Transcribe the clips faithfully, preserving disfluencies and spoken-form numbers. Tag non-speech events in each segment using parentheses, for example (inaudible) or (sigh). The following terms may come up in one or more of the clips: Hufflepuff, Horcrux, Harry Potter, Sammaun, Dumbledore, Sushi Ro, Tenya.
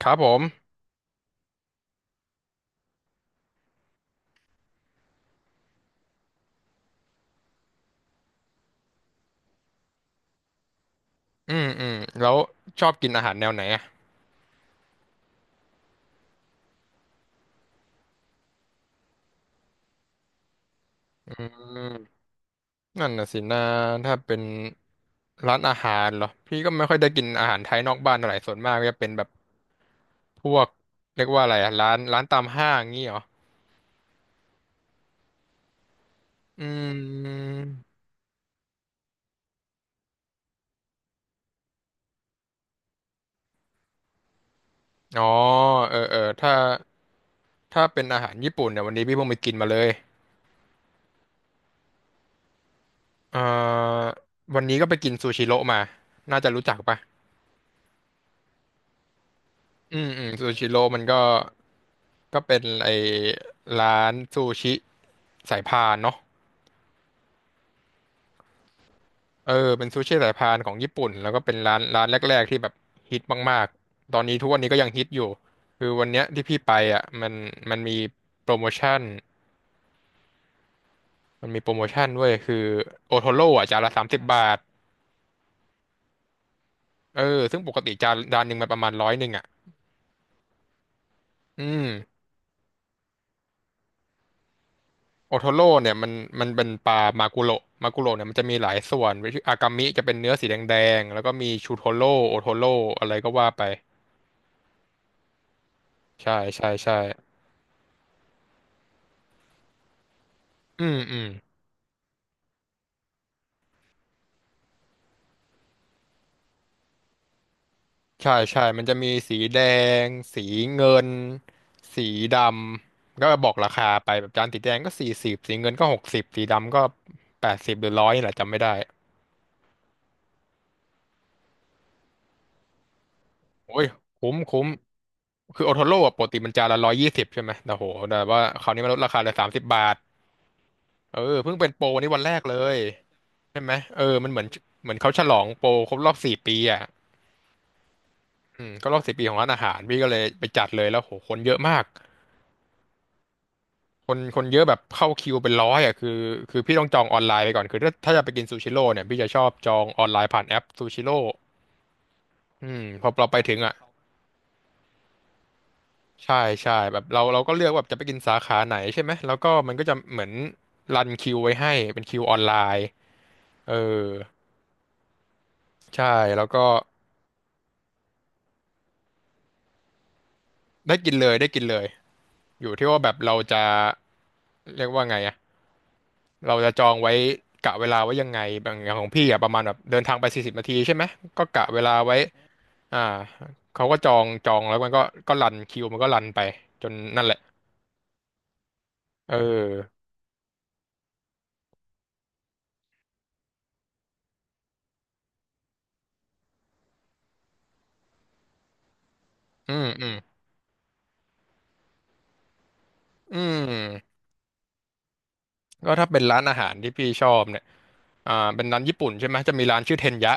ครับผม อืมอืมแล้วชอบกินอาหารแนวไหนอ่ะอืมนั่นน่ะสินะถ้าเป็นร้านอาหารเหรอพี่ก็ไม่ค่อยได้กินอาหารไทยนอกบ้านเท่าไหร่ส่วนมากก็จะเป็นแบบพวกเรียกว่าอะไรอ่ะร้านร้านตามห้างงี้เหรออืมอ๋อเออเออถ้าถ้าเป็นอาหารญี่ปุ่นเนี่ยวันนี้พี่เพิ่งไปกินมาเลยเอ่อวันนี้ก็ไปกินซูชิโร่มาน่าจะรู้จักปะ อืมอืมซูชิโร่มันก็ก็เป็นไอร้านซูชิสายพานเนาะเออเป็นซูชิสายพานของญี่ปุ่นแล้วก็เป็นร้านร้านแรกๆที่แบบฮิตมากๆ ตอนนี้ทุกวันนี้ก็ยังฮิตอยู่ คือวันเนี้ยที่พี่ไปอ่ะมันมันมีโปรโมชั่นมันมีโปรโมชั่นด้วยคือโอโทโร่อ่ะจานละสามสิบบาทเออซึ่งปกติจานจานหนึ่งมันประมาณร้อยหนึ่งอ่ะอืม โอโทโร่เนี่ยมันมันเป็นปลามากุโระมากุโระเนี่ยมันจะมีหลายส่วนอากามิจะเป็นเนื้อสีแดงๆแล้วก็มีชูโทโร่โอโทโร่อะไรก็ว่าไปใช่ใช่ใช่อืมอืมใช่ใช่มันจะมีสีแดงสีเงินสีดำก็บอกราคาไปแบบจานสีแดงก็สี่สิบสีเงินก็หกสิบสีดำก็แปดสิบหรือร้อยนี่แหละจำไม่ได้โอ้ยคุ้มคุ้มคือโอโทโร่อะปกติมันจานละร้อยยี่สิบใช่ไหมแต่โหแต่ว่าคราวนี้มันลดราคาเหลอสามสิบบาท เออเพิ่งเป็นโปรวันนี้วันแรกเลยใช่ไหมเออมันเหมือนเหมือนเขาฉลองโปรครบรอบสี่ปีอ่ะอืมก็รอบสี่ปีของร้านอาหารพี่ก็เลยไปจัดเลยแล้วโหคนเยอะมากคนคนเยอะแบบเข้าคิวเป็นร้อยอ่ะคือคือพี่ต้องจองออนไลน์ไปก่อนคือถ้าถ้าจะไปกินซูชิโร่เนี่ยพี่จะชอบจองออนไลน์ผ่านแอปซูชิโร่อืมพอเราไปถึงอ่ะใช่ใช่แบบเราเราก็เลือกว่าแบบจะไปกินสาขาไหนใช่ไหมแล้วก็มันก็จะเหมือนรันคิวไว้ให้เป็นคิวออนไลน์เออใช่แล้วก็ได้กินเลยได้กินเลย อยู่ที่ว่าแบบเราจะเรียกว่าไงอะเราจะจองไว้กะเวลาไว้ยังไงบางอย่างของพี่อะประมาณแบบเดินทางไปสี่สิบนาทีใช่ไหมก็กะเวลาไว้อ่าเขาก็จองจองแล้วมันก็ก็รันคิวมันก็รันไปจนนั่นแหละเอออืมอืมอืมก็ถ้าเป็นร้านอาหารที่พี่ชอบเนี่ยอ่าเป็นร้านญี่ปุ่นใช่ไหมจะมีร้านชื่อเทนยะ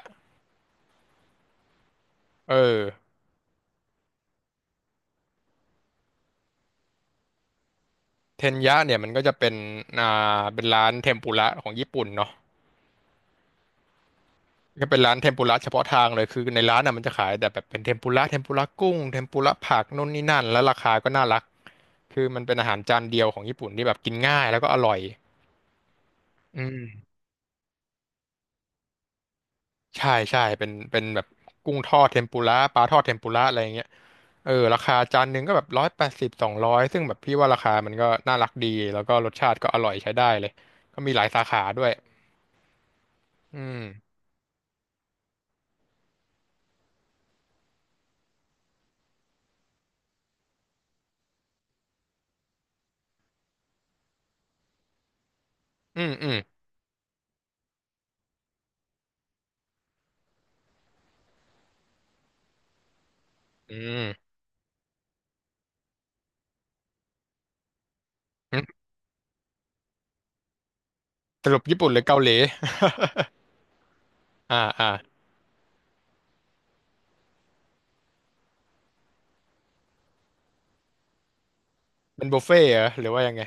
เออเทนยะเนี่ยมันก็จะเป็นอ่าเป็นร้านเทมปุระของญี่ปุ่นเนาะ ก็เป็นร้านเทมปุระเฉพาะทางเลยคือในร้านน่ะมันจะขายแต่แบบเป็นเทมปุระเทมปุระกุ้งเทมปุระผักนู่นนี่นั่นแล้วราคาก็น่ารักคือมันเป็นอาหารจานเดียวของญี่ปุ่นที่แบบกินง่ายแล้วก็อร่อยอืมใช่ใช่เป็นเป็นแบบกุ้งทอดเทมปุระปลาทอดเทมปุระอะไรอย่างเงี้ยเออราคาจานหนึ่งก็แบบร้อยแปดสิบสองร้อยซึ่งแบบพี่ว่าราคามันก็น่ารักดีแล้วก็รสชาติก็อร่อยใช้ได้เลยก็มีหลายสาขาด้วยอืมอืมอืมอืมอืมสรุปญี่ปุ่นหรือเกาหลี (laughs) อ่าอ่าเป็นบุฟเฟ่ต์เหรอหรือว่ายังไง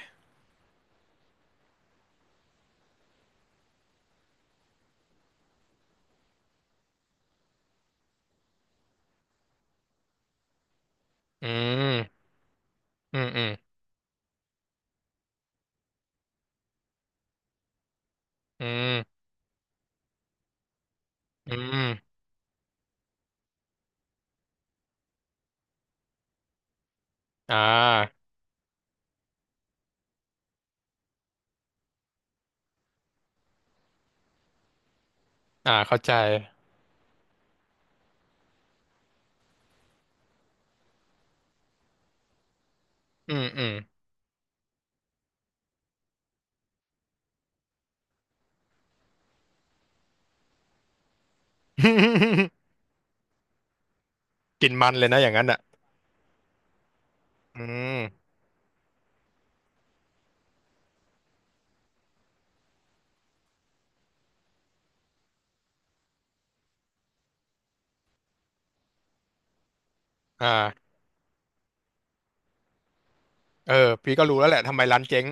อืมอืม อืม อืม อืม อ่าอ่าเข้าใจอืมอืม (laughs) กินมันเลยนะอย่างนั้นอ่ะอืม อ่าเออพี่ก็รู้แล้วแหละทำไมร้านเจ๊ง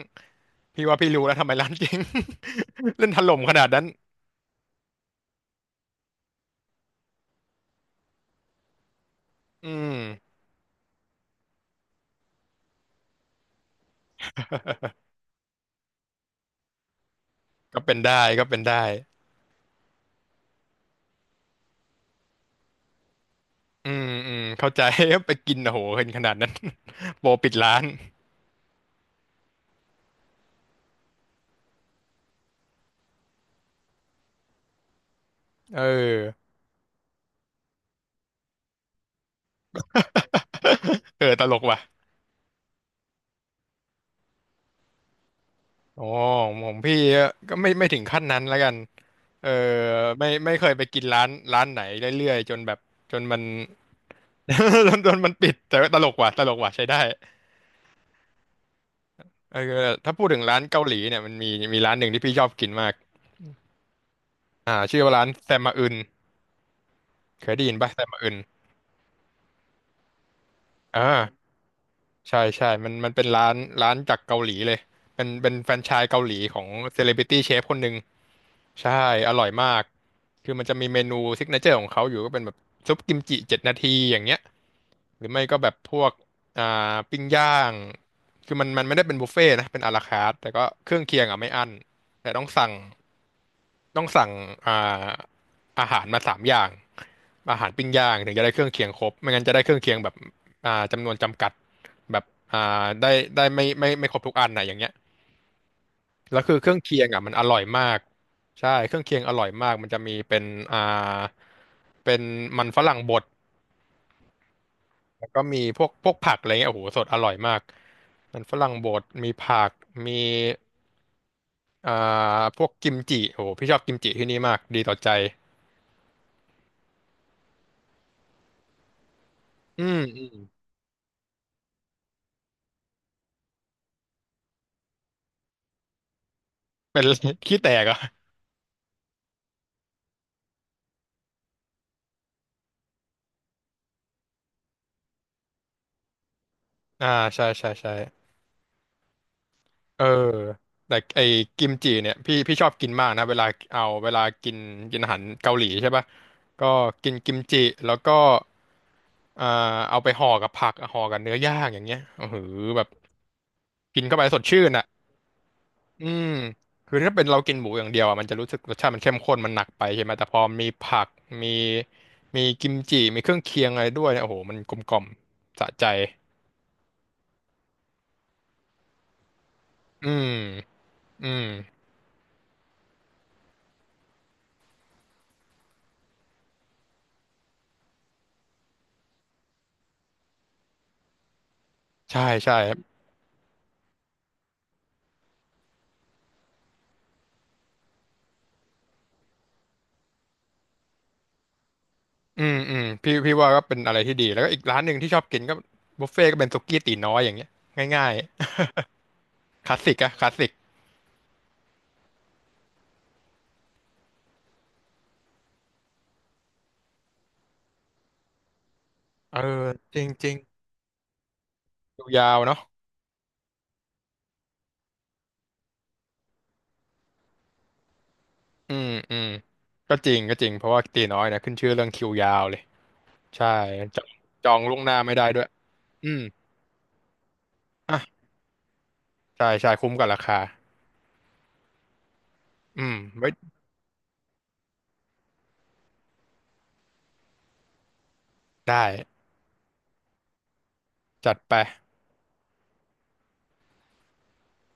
พี่ว่าพี่รู้แล้วทำไมร้านเจ๊ง (laughs) เล่นถล่มขนาดนั้นอืมก็เป็นได้ก็เป็นได้อืมอืมเข้าใจ (laughs) ไปกินโอ้โหเห็นขนาดนั้น (laughs) โปรปิดร้านเออ (laughs) เออตลกว่ะอ๋อของพี่ก็ไม่ไม่ถึงขั้นนั้นแล้วกัน เออไม่ไม่เคยไปกินร้านร้านไหนเรื่อยๆจนแบบจนมัน (laughs) จนจนมันปิดแต่ว่าตลกว่ะตลกว่ะใช้ได้เออถ้าพูดถึงร้านเกาหลีเนี่ยมันมีมีร้านหนึ่งที่พี่ชอบกินมากอ่าชื่อว่าร้านแซมมาอึนเคยได้ยินป่ะแซมมาอึนอ่าใช่ใช่มันมันเป็นร้านร้านจากเกาหลีเลยเป็นเป็นแฟรนไชส์เกาหลีของเซเลบริตี้เชฟคนหนึ่งใช่อร่อยมากคือมันจะมีเมนูซิกเนเจอร์ของเขาอยู่ก็เป็นแบบซุปกิมจิเจ็ดนาทีอย่างเงี้ย หรือไม่ก็แบบพวกอ่าปิ้งย่างคือมันมันไม่ได้เป็นบุฟเฟ่ต์นะเป็นอาราคาร์ทแต่ก็เครื่องเคียงอ่ะไม่อั้นแต่ต้องสั่งต้องสั่งอ่าอาหารมาสามอย่างอาหารปิ้งย่างถึงจะได้เครื่องเคียงครบไม่งั้นจะได้เครื่องเคียงแบบอ่าจำนวนจำกัดแบบอ่าได้ได้ไม่ไม่ไม่ครบทุกอันนะอย่างเงี้ยแล้วคือเครื่องเคียงอ่ะมันอร่อยมากใช่เครื่องเคียงอร่อยมากมันจะมีเป็นอ่าเป็นมันฝรั่งบด แล้วก็มีพวกพวกผักอะไรเงี้ยโอ้โหสดอร่อยมากมันฝรั่งบดมีผักมีอ่าพวกกิมจิโอ้โหพี่ชอบกิมจิที่นี่มากดีต่อใจอืมอืมเป็น (laughs) ขี้แตกเหรอ่ะอ่าใช่ใช่ใช่เออแต่ไอ้กิมจิเนี่ยพี่พี่ชอบกินมากนะเวลาเอาเวลากินกินอาหารเกาหลีใช่ปะก็กินกิมจิแล้วก็อ่าเอาไปห่อกับผักห่อกับเนื้อย่างอย่างเงี้ยโอ้โหแบบกินเข้าไปสดชื่นอ่ะ อืมคือถ้าเป็นเรากินหมูอย่างเดียวอ่ะมันจะรู้สึกรสชาติมันเข้มข้นมันหนักไปใช่ไหมแต่พอมีผักมีมีกิมจิมีเครื่องเคียงอะไรด้วยเนี่ยโอ้โหมันกลมกล่อมสะใจอืมอืมใช่ใช่ครับอืมอืมพี่พี่ว่าก็เป็นอะไรที่ดีแล้วก็อีกร้านหนึ่งที่ชอบกินก็บุฟเฟ่ก็เป็นสุกี้ตี๋น้อยอย่างเงี้ยง่ายๆคลาสสิกอะคลาสสิกเออจริงจริงคิวยาวเนาะอืมอืมก็จริงก็จริงเพราะว่าตี๋น้อยเนะขึ้นชื่อเรื่องคิวยาวเลย ใช่จองจองล่วงหน้าไม่ได้ด้วยอืมอ่ะใช่ใช่คุ้มกับราคาอืมไว้ได้จัดไป